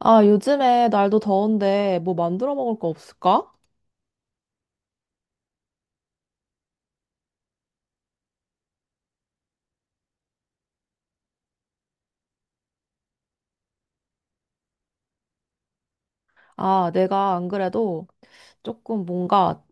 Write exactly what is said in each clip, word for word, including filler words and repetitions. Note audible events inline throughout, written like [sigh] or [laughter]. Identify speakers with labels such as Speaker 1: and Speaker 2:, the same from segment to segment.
Speaker 1: 아, 요즘에 날도 더운데 뭐 만들어 먹을 거 없을까? 아, 내가 안 그래도 조금 뭔가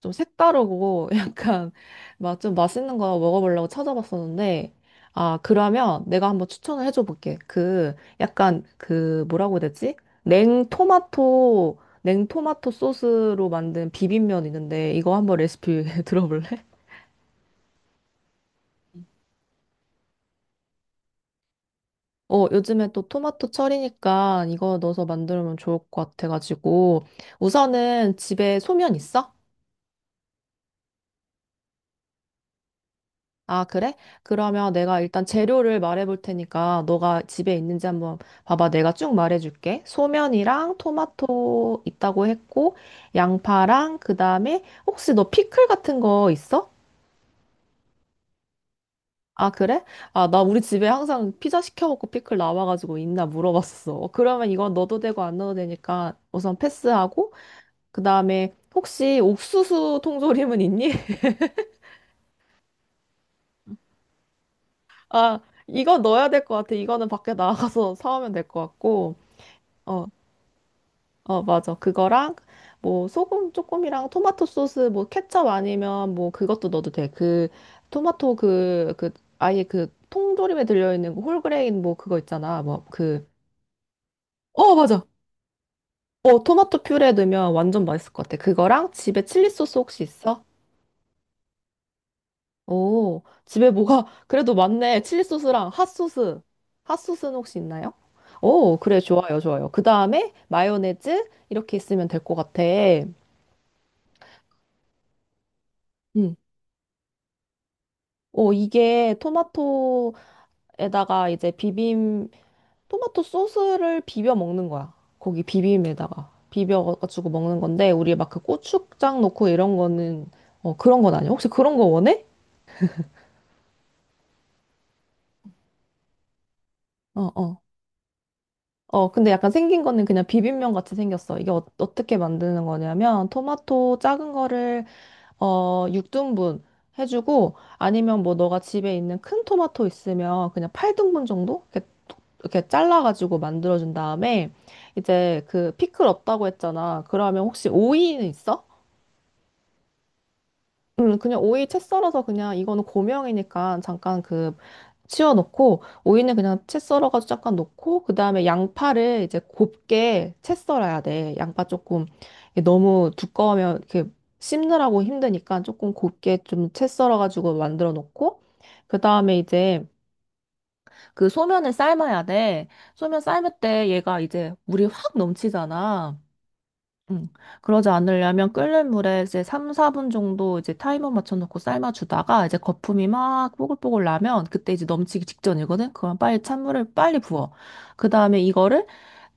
Speaker 1: 좀 색다르고 [laughs] 약간 막 좀 맛있는 거 먹어보려고 찾아봤었는데. 아, 그러면 내가 한번 추천을 해줘 볼게. 그 약간 그 뭐라고 해야 되지? 냉토마토 냉토마토 소스로 만든 비빔면 있는데 이거 한번 레시피 [laughs] 들어볼래? 어, 요즘에 또 토마토 철이니까 이거 넣어서 만들면 좋을 것 같아가지고. 우선은 집에 소면 있어? 아, 그래? 그러면 내가 일단 재료를 말해볼 테니까 너가 집에 있는지 한번 봐봐. 내가 쭉 말해줄게. 소면이랑 토마토 있다고 했고, 양파랑 그다음에 혹시 너 피클 같은 거 있어? 아, 그래? 아, 나 우리 집에 항상 피자 시켜 먹고 피클 나와가지고 있나 물어봤어. [laughs] 그러면 이건 넣어도 되고 안 넣어도 되니까 우선 패스하고, 그 다음에 혹시 옥수수 통조림은 있니? [laughs] 아, 이거 넣어야 될 것 같아. 이거는 밖에 나가서 사오면 될 것 같고. 어, 어, 맞아. 그거랑 뭐 소금 조금이랑 토마토 소스 뭐 케첩 아니면 뭐 그것도 넣어도 돼. 그 토마토 그, 그 아예 그 통조림에 들려있는 그 홀그레인 뭐 그거 있잖아. 뭐 그, 어, 맞아. 어, 토마토 퓨레 넣으면 완전 맛있을 것 같아. 그거랑 집에 칠리 소스 혹시 있어? 오, 집에 뭐가 [laughs] 그래도 많네. 칠리 소스랑 핫소스. 핫소스는 혹시 있나요? 오, 그래, 좋아요, 좋아요. 그 다음에 마요네즈 이렇게 있으면 될 것 같아. 음. 오, 이게 토마토에다가 이제 비빔, 토마토 소스를 비벼 먹는 거야. 거기 비빔에다가. 비벼가지고 먹는 건데, 우리 막 그 고추장 넣고 이런 거는, 어, 그런 건 아니야. 혹시 그런 거 원해? 어, 어. 어, 근데 약간 생긴 거는 그냥 비빔면 같이 생겼어. 이게 어, 떻게 만드는 거냐면, 토마토 작은 거를, 어, 육 등분 해주고, 아니면 뭐 너가 집에 있는 큰 토마토 있으면 그냥 팔 등분 정도? 이렇게, 이렇게 잘라가지고 만들어준 다음에, 이제 그 피클 없다고 했잖아. 그러면 혹시 오이는 있어? 음, 그냥 오이 채 썰어서 그냥 이거는 고명이니까 잠깐 그 치워놓고 오이는 그냥 채 썰어가지고 잠깐 놓고 그 다음에 양파를 이제 곱게 채 썰어야 돼. 양파 조금 이게 너무 두꺼우면 이렇게 씹느라고 힘드니까 조금 곱게 좀 채 썰어가지고 만들어 놓고 그 다음에 이제 그 소면을 삶아야 돼. 소면 삶을 때 얘가 이제 물이 확 넘치잖아. 응. 그러지 않으려면 끓는 물에 이제 삼, 사 분 정도 이제 타이머 맞춰놓고 삶아주다가 이제 거품이 막 뽀글뽀글 나면 그때 이제 넘치기 직전이거든? 그럼 빨리 찬물을 빨리 부어. 그 다음에 이거를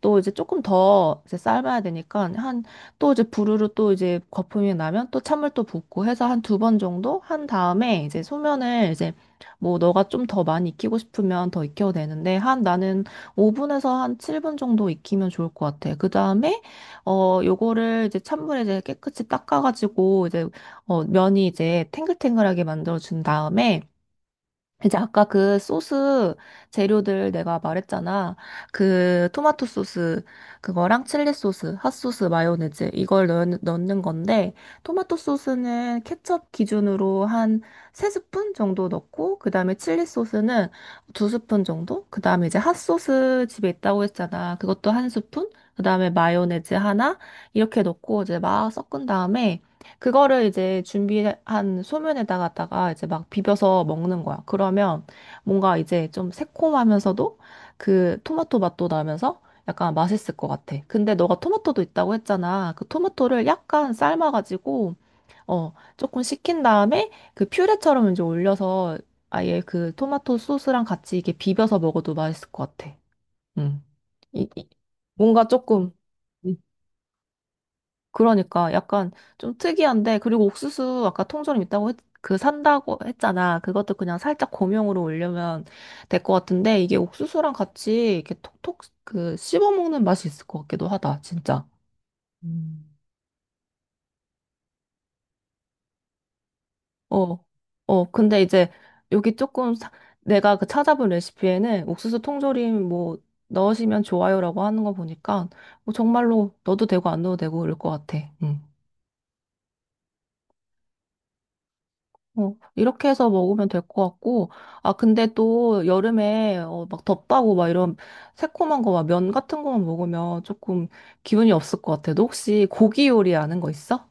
Speaker 1: 또 이제 조금 더 이제 삶아야 되니까 한 또 이제 부르르 또 이제 거품이 나면 또 찬물 또 붓고 해서 한 두 번 정도 한 다음에 이제 소면을 이제 뭐 너가 좀 더 많이 익히고 싶으면 더 익혀도 되는데 한 나는 오 분에서 한 칠 분 정도 익히면 좋을 것 같아. 그 다음에 어, 요거를 이제 찬물에 이제 깨끗이 닦아가지고 이제 어, 면이 이제 탱글탱글하게 만들어준 다음에 이제 아까 그 소스 재료들 내가 말했잖아. 그 토마토 소스 그거랑 칠리 소스, 핫소스, 마요네즈 이걸 넣, 넣는 건데 토마토 소스는 케첩 기준으로 한 세스푼 정도 넣고 그다음에 칠리 소스는 두스푼 정도? 그다음에 이제 핫소스 집에 있다고 했잖아. 그것도 한스푼 그다음에 마요네즈 하나 이렇게 넣고 이제 막 섞은 다음에 그거를 이제 준비한 소면에다가다가 이제 막 비벼서 먹는 거야. 그러면 뭔가 이제 좀 새콤하면서도 그 토마토 맛도 나면서 약간 맛있을 것 같아. 근데 너가 토마토도 있다고 했잖아. 그 토마토를 약간 삶아가지고 어 조금 식힌 다음에 그 퓨레처럼 이제 올려서 아예 그 토마토 소스랑 같이 이게 비벼서 먹어도 맛있을 것 같아. 음. 이, 이- 뭔가 조금. 음. 그러니까 약간 좀 특이한데 그리고 옥수수 아까 통조림 있다고 했, 그 산다고 했잖아. 그것도 그냥 살짝 고명으로 올려면 될 것 같은데 이게 옥수수랑 같이 이렇게 톡톡 그 씹어 먹는 맛이 있을 것 같기도 하다. 진짜. 음. 어, 어, 근데 이제 여기 조금 사- 내가 그 찾아본 레시피에는 옥수수 통조림 뭐 넣으시면 좋아요라고 하는 거 보니까 뭐 정말로 넣어도 되고 안 넣어도 되고 그럴 것 같아. 응. 어, 이렇게 해서 먹으면 될 것 같고, 아, 근데 또 여름에 어, 막 덥다고 막 이런 새콤한 거 막 면 같은 거만 먹으면 조금 기분이 없을 것 같아. 너 혹시 고기 요리 아는 거 있어?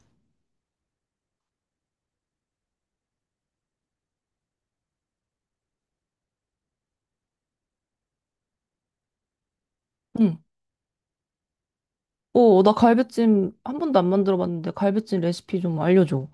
Speaker 1: 응. 어, 나 갈비찜 한 번도 안 만들어 봤는데 갈비찜 레시피 좀 알려줘.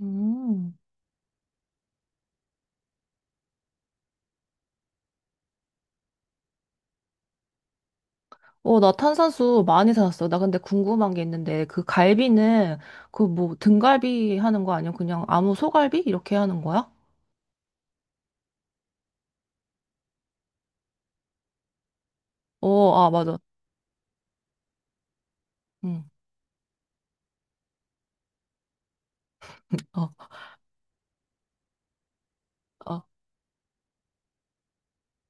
Speaker 1: 음. 어, 나 탄산수 많이 사놨어. 나 근데 궁금한 게 있는데 그 갈비는 그 뭐 등갈비 하는 거 아니야? 그냥 아무 소갈비? 이렇게 하는 거야? 어, 아, 맞아. 응. 어, 어,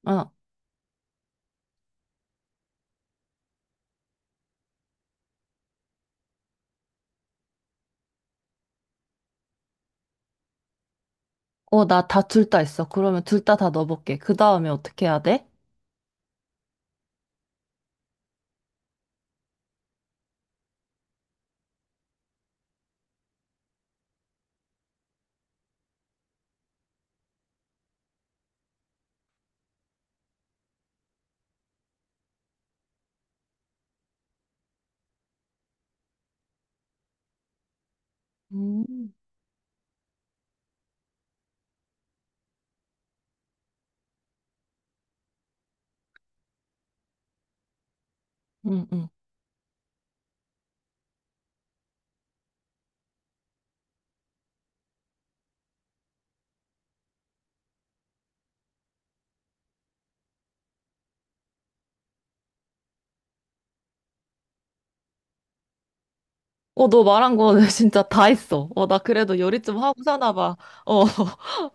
Speaker 1: 어. 어, 나 다 둘 다 있어. 그러면 둘 다 다 넣어볼게. 그 다음에 어떻게 해야 돼? 음. 응, 응. 어, 너 말한 거 [laughs] 진짜 다 있어. 어, 나 그래도 요리 좀 하고 사나 봐. 어. [laughs]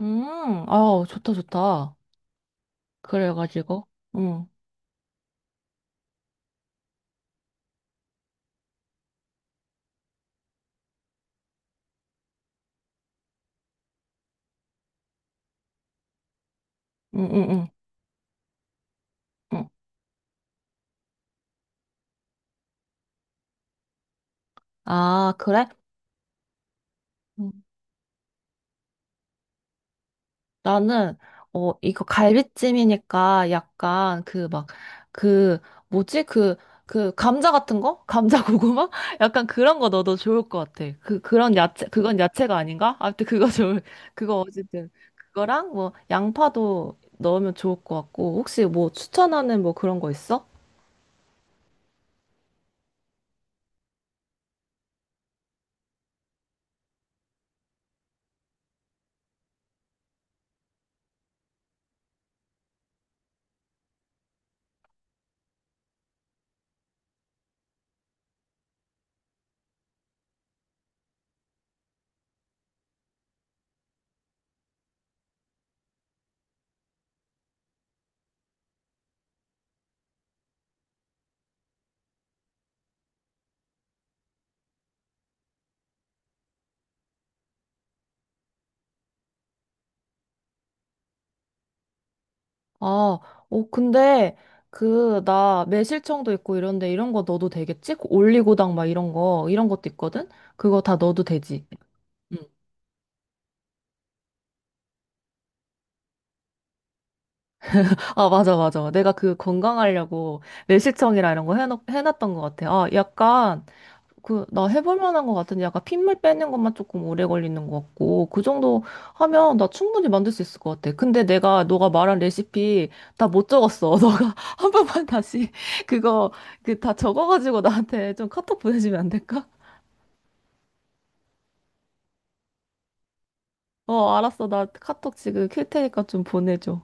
Speaker 1: 음, 아 좋다, 좋다. 그래가지고. 응, 응, 응, 응. 응. 아, 그래? 나는 어 이거 갈비찜이니까 약간 그 막 그 뭐지 그 그 감자 같은 거? 감자 고구마? [laughs] 약간 그런 거 넣어도 좋을 것 같아. 그 그런 야채 그건 야채가 아닌가? 아무튼 그거 [laughs] 좋을. 그거 어쨌든 그거랑 뭐 양파도 넣으면 좋을 것 같고 혹시 뭐 추천하는 뭐 그런 거 있어? 아, 어 근데 그 나 매실청도 있고 이런데 이런 거 넣어도 되겠지? 그 올리고당 막 이런 거 이런 것도 있거든? 그거 다 넣어도 되지? 응. 아, 맞아, 맞아. 내가 그 건강하려고 매실청이라 이런 거 해놓, 해놨던 것 같아. 아, 약간, 그, 나 해볼 만한 것 같은데 약간 핏물 빼는 것만 조금 오래 걸리는 것 같고, 그 정도 하면 나 충분히 만들 수 있을 것 같아. 근데 내가, 너가 말한 레시피 다 못 적었어. [laughs] 너가 한 번만 다시 그거, 그 다 적어가지고 나한테 좀 카톡 보내주면 안 될까? 어, 알았어. 나 카톡 지금 킬 테니까 좀 보내줘.